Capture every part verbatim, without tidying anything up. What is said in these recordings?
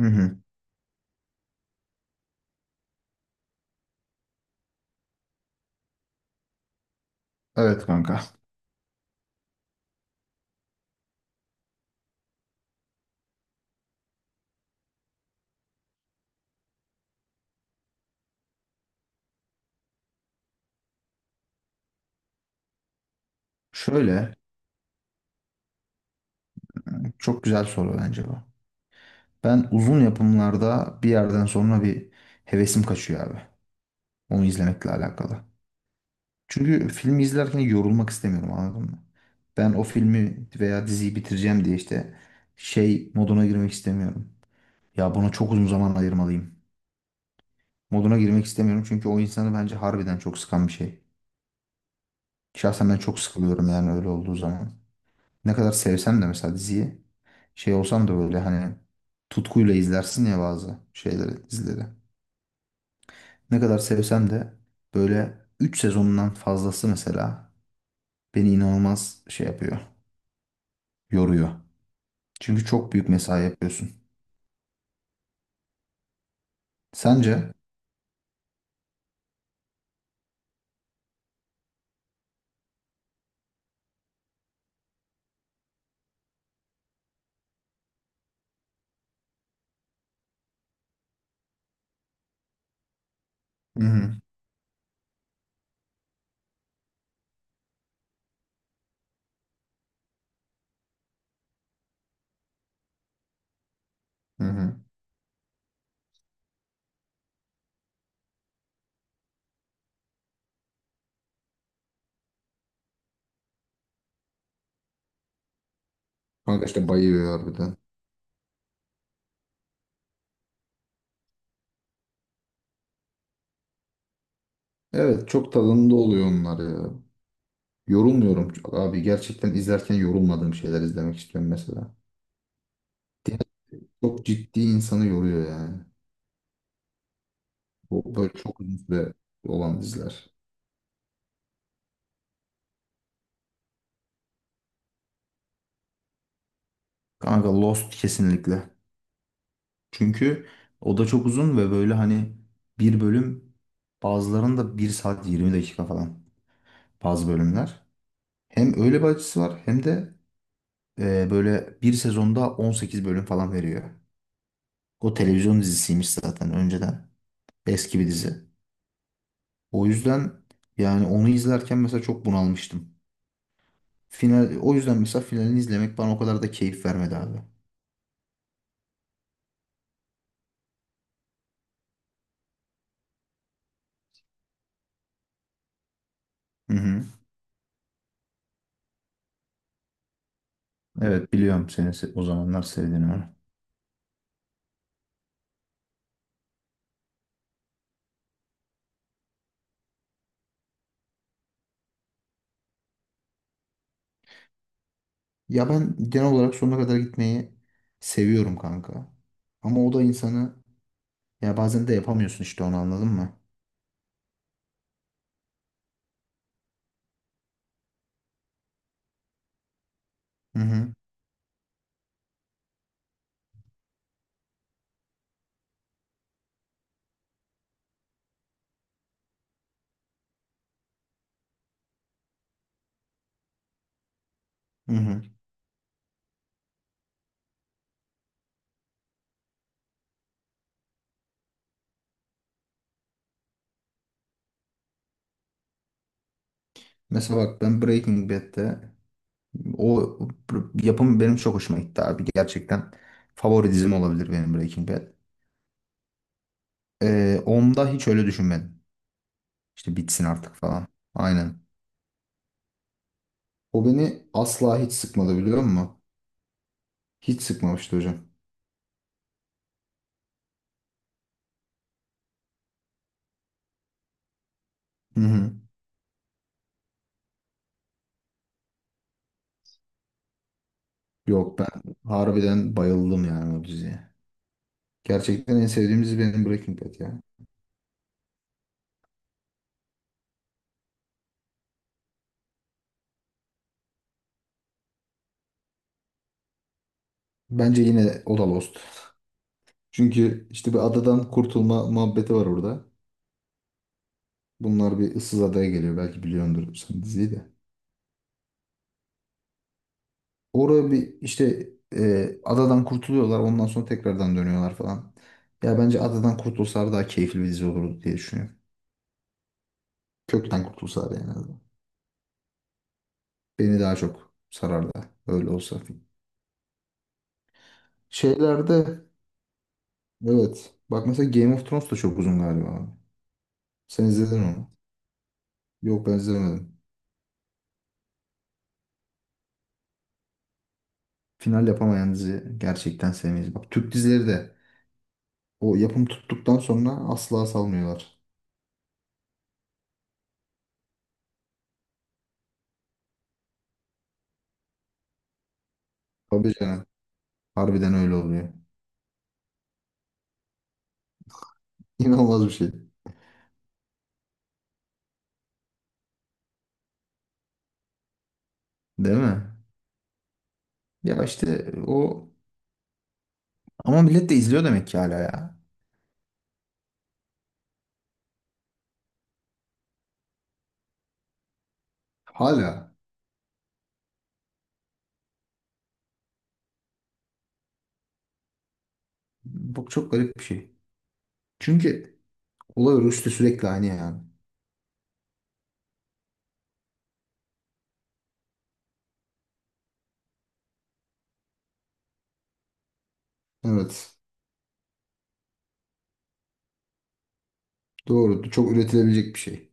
Hı hı. Evet kanka. Şöyle çok güzel soru bence bu. Ben uzun yapımlarda bir yerden sonra bir hevesim kaçıyor abi. Onu izlemekle alakalı. Çünkü filmi izlerken yorulmak istemiyorum, anladın mı? Ben o filmi veya diziyi bitireceğim diye işte şey moduna girmek istemiyorum. Ya buna çok uzun zaman ayırmalıyım. Moduna girmek istemiyorum, çünkü o insanı bence harbiden çok sıkan bir şey. Şahsen ben çok sıkılıyorum yani öyle olduğu zaman. Ne kadar sevsem de mesela diziyi, şey olsam da böyle hani tutkuyla izlersin ya bazı şeyleri, dizileri. Ne kadar sevsem de böyle üç sezonundan fazlası mesela beni inanılmaz şey yapıyor, yoruyor. Çünkü çok büyük mesai yapıyorsun. Sence? Hı hı. Hı hı. Kanka işte bayıyor harbiden. Evet, çok tadında oluyor onlar ya. Yorulmuyorum çok abi. Gerçekten izlerken yorulmadığım şeyler izlemek istiyorum mesela. Diğer çok ciddi, insanı yoruyor yani. Bu böyle çok uzun süre olan diziler. Kanka, Lost kesinlikle. Çünkü o da çok uzun ve böyle hani bir bölüm, bazılarında bir saat yirmi dakika falan bazı bölümler. Hem öyle bir açısı var, hem de e, böyle bir sezonda on sekiz bölüm falan veriyor. O televizyon dizisiymiş zaten önceden. Eski bir dizi. O yüzden yani onu izlerken mesela çok bunalmıştım. Final, o yüzden mesela finalini izlemek bana o kadar da keyif vermedi abi. Hı hı. Evet, biliyorum seni se- o zamanlar sevdiğini, onu. Ya ben genel olarak sonuna kadar gitmeyi seviyorum kanka. Ama o da insanı, ya bazen de yapamıyorsun işte onu, anladın mı? Hı hı. Hı hı. Mesela bak, ben Breaking Bad'de o yapım benim çok hoşuma gitti abi. Gerçekten favori dizim olabilir benim, Breaking Bad. Ee, onda hiç öyle düşünmedim. İşte bitsin artık falan. Aynen. O beni asla hiç sıkmadı, biliyor musun? Hiç sıkmamıştı hocam. Hı hı. Yok, ben harbiden bayıldım yani o diziye. Gerçekten en sevdiğim dizi benim, Breaking Bad ya. Bence yine o da Lost. Çünkü işte bir adadan kurtulma muhabbeti var orada. Bunlar bir ıssız adaya geliyor. Belki biliyordur sen diziyi de. Orada bir işte e, adadan kurtuluyorlar. Ondan sonra tekrardan dönüyorlar falan. Ya bence adadan kurtulsalar daha keyifli bir dizi olurdu diye düşünüyorum. Kökten kurtulsalar yani en azından. Beni daha çok sarardı, öyle olsa. Şeylerde Evet. Bak mesela, Game of Thrones da çok uzun galiba abi. Sen izledin onu. Yok, ben izlemedim. Final yapamayan dizi gerçekten sevmeyiz. Bak, Türk dizileri de o yapım tuttuktan sonra asla salmıyorlar. Tabii canım. Harbiden öyle oluyor. İnanılmaz bir şey. Değil mi? Ya işte o, ama millet de izliyor demek ki hala ya. Hala. Bak, çok garip bir şey. Çünkü olay örgüsü de sürekli aynı yani. Evet. Doğru. Çok üretilebilecek bir şey.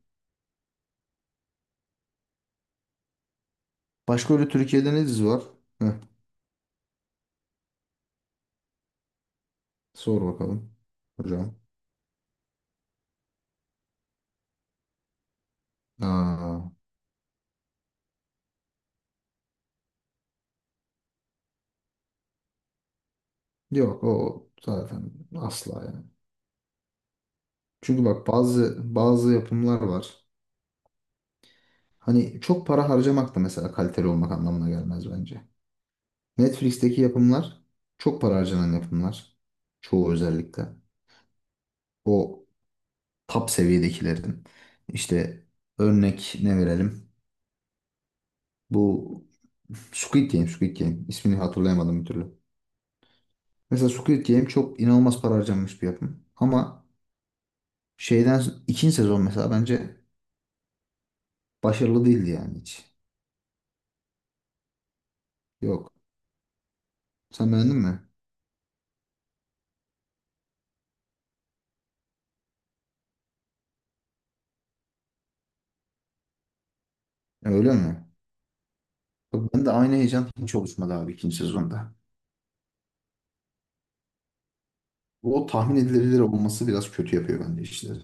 Başka öyle Türkiye'de ne dizi var? Sor bakalım hocam. Aa, yok o zaten asla yani. Çünkü bak, bazı bazı yapımlar var. Hani çok para harcamak da mesela kaliteli olmak anlamına gelmez bence. Netflix'teki yapımlar çok para harcanan yapımlar. Çoğu özellikle. O top seviyedekilerin. İşte örnek ne verelim? Bu Squid Game, Squid Game. İsmini hatırlayamadım bir türlü. Mesela Squid Game çok inanılmaz para harcanmış bir yapım. Ama şeyden, ikinci sezon mesela bence başarılı değildi yani hiç. Yok. Sen beğendin mi? Öyle mi? Bak, ben de aynı heyecan hiç oluşmadı abi ikinci sezonda. O tahmin edilebilir olması biraz kötü yapıyor bence işleri.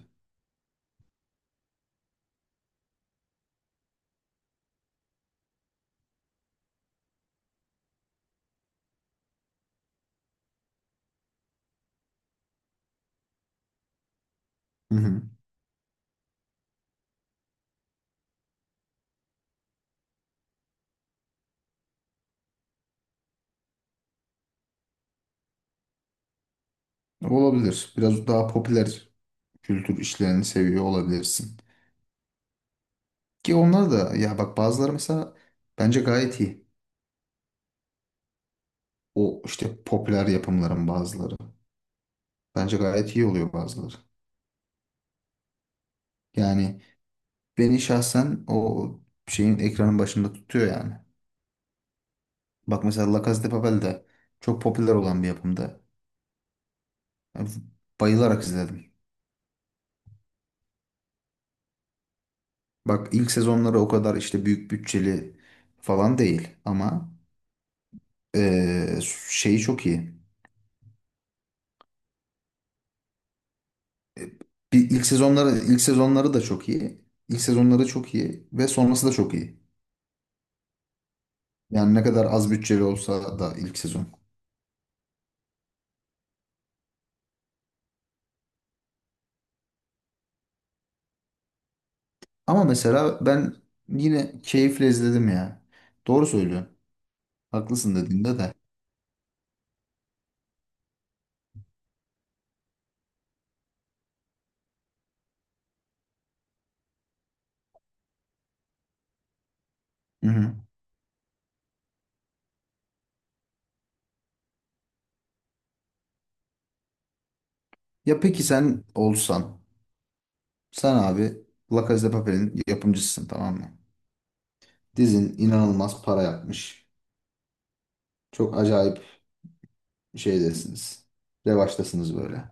Hı hı. Olabilir. Biraz daha popüler kültür işlerini seviyor olabilirsin. Ki onlar da, ya bak, bazıları mesela bence gayet iyi. O işte popüler yapımların bazıları. Bence gayet iyi oluyor bazıları. Yani beni şahsen o şeyin, ekranın başında tutuyor yani. Bak mesela, La Casa de Papel de çok popüler olan bir yapımdı. Yani bayılarak izledim. Bak, ilk sezonları o kadar işte büyük bütçeli falan değil ama eee, şeyi çok iyi. E, Bir ilk sezonları ilk sezonları da çok iyi. İlk sezonları çok iyi ve sonrası da çok iyi. Yani ne kadar az bütçeli olsa da ilk sezon. Ama mesela ben yine keyifle izledim ya. Doğru söylüyorsun. Haklısın dediğinde de. Hı hı. Ya peki sen olsan Sen abi, La Casa de Papel'in yapımcısısın, tamam mı? Dizin inanılmaz para yapmış. Çok acayip şeydesiniz. Revaçtasınız böyle.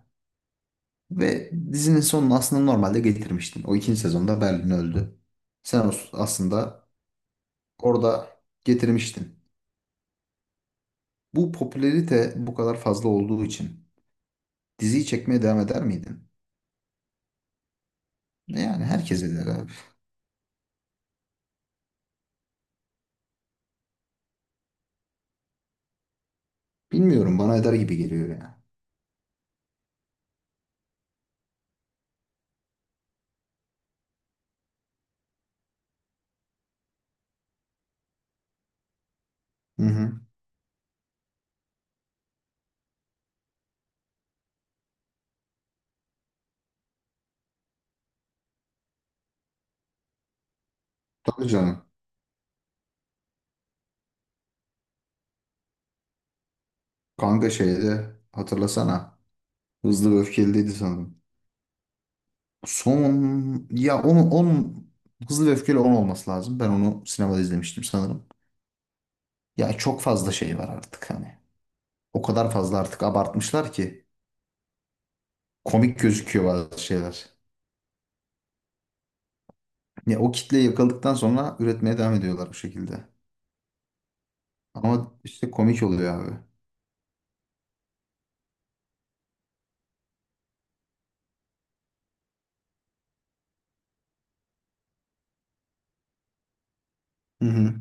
Ve dizinin sonunu aslında normalde getirmiştin. O ikinci sezonda Berlin öldü. Sen os- aslında orada getirmiştin. Bu popülerite bu kadar fazla olduğu için diziyi çekmeye devam eder miydin? Yani herkes eder abi. Bilmiyorum, bana eder gibi geliyor ya. Hı hı. Tabii canım. Kanka, şeyde hatırlasana. Hızlı ve Öfkeli'ydi sanırım. Son, ya onun onun Hızlı ve Öfkeli on olması lazım. Ben onu sinemada izlemiştim sanırım. Ya çok fazla şey var artık hani. O kadar fazla artık abartmışlar ki komik gözüküyor bazı şeyler. Ya o kitleyi yakaladıktan sonra üretmeye devam ediyorlar bu şekilde. Ama işte komik oluyor abi. Hı hı.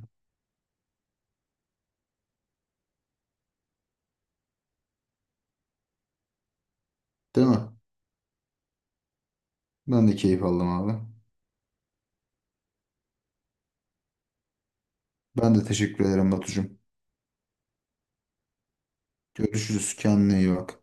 Değil mi? Ben de keyif aldım abi. Ben de teşekkür ederim Batucuğum. Görüşürüz. Kendine iyi bak.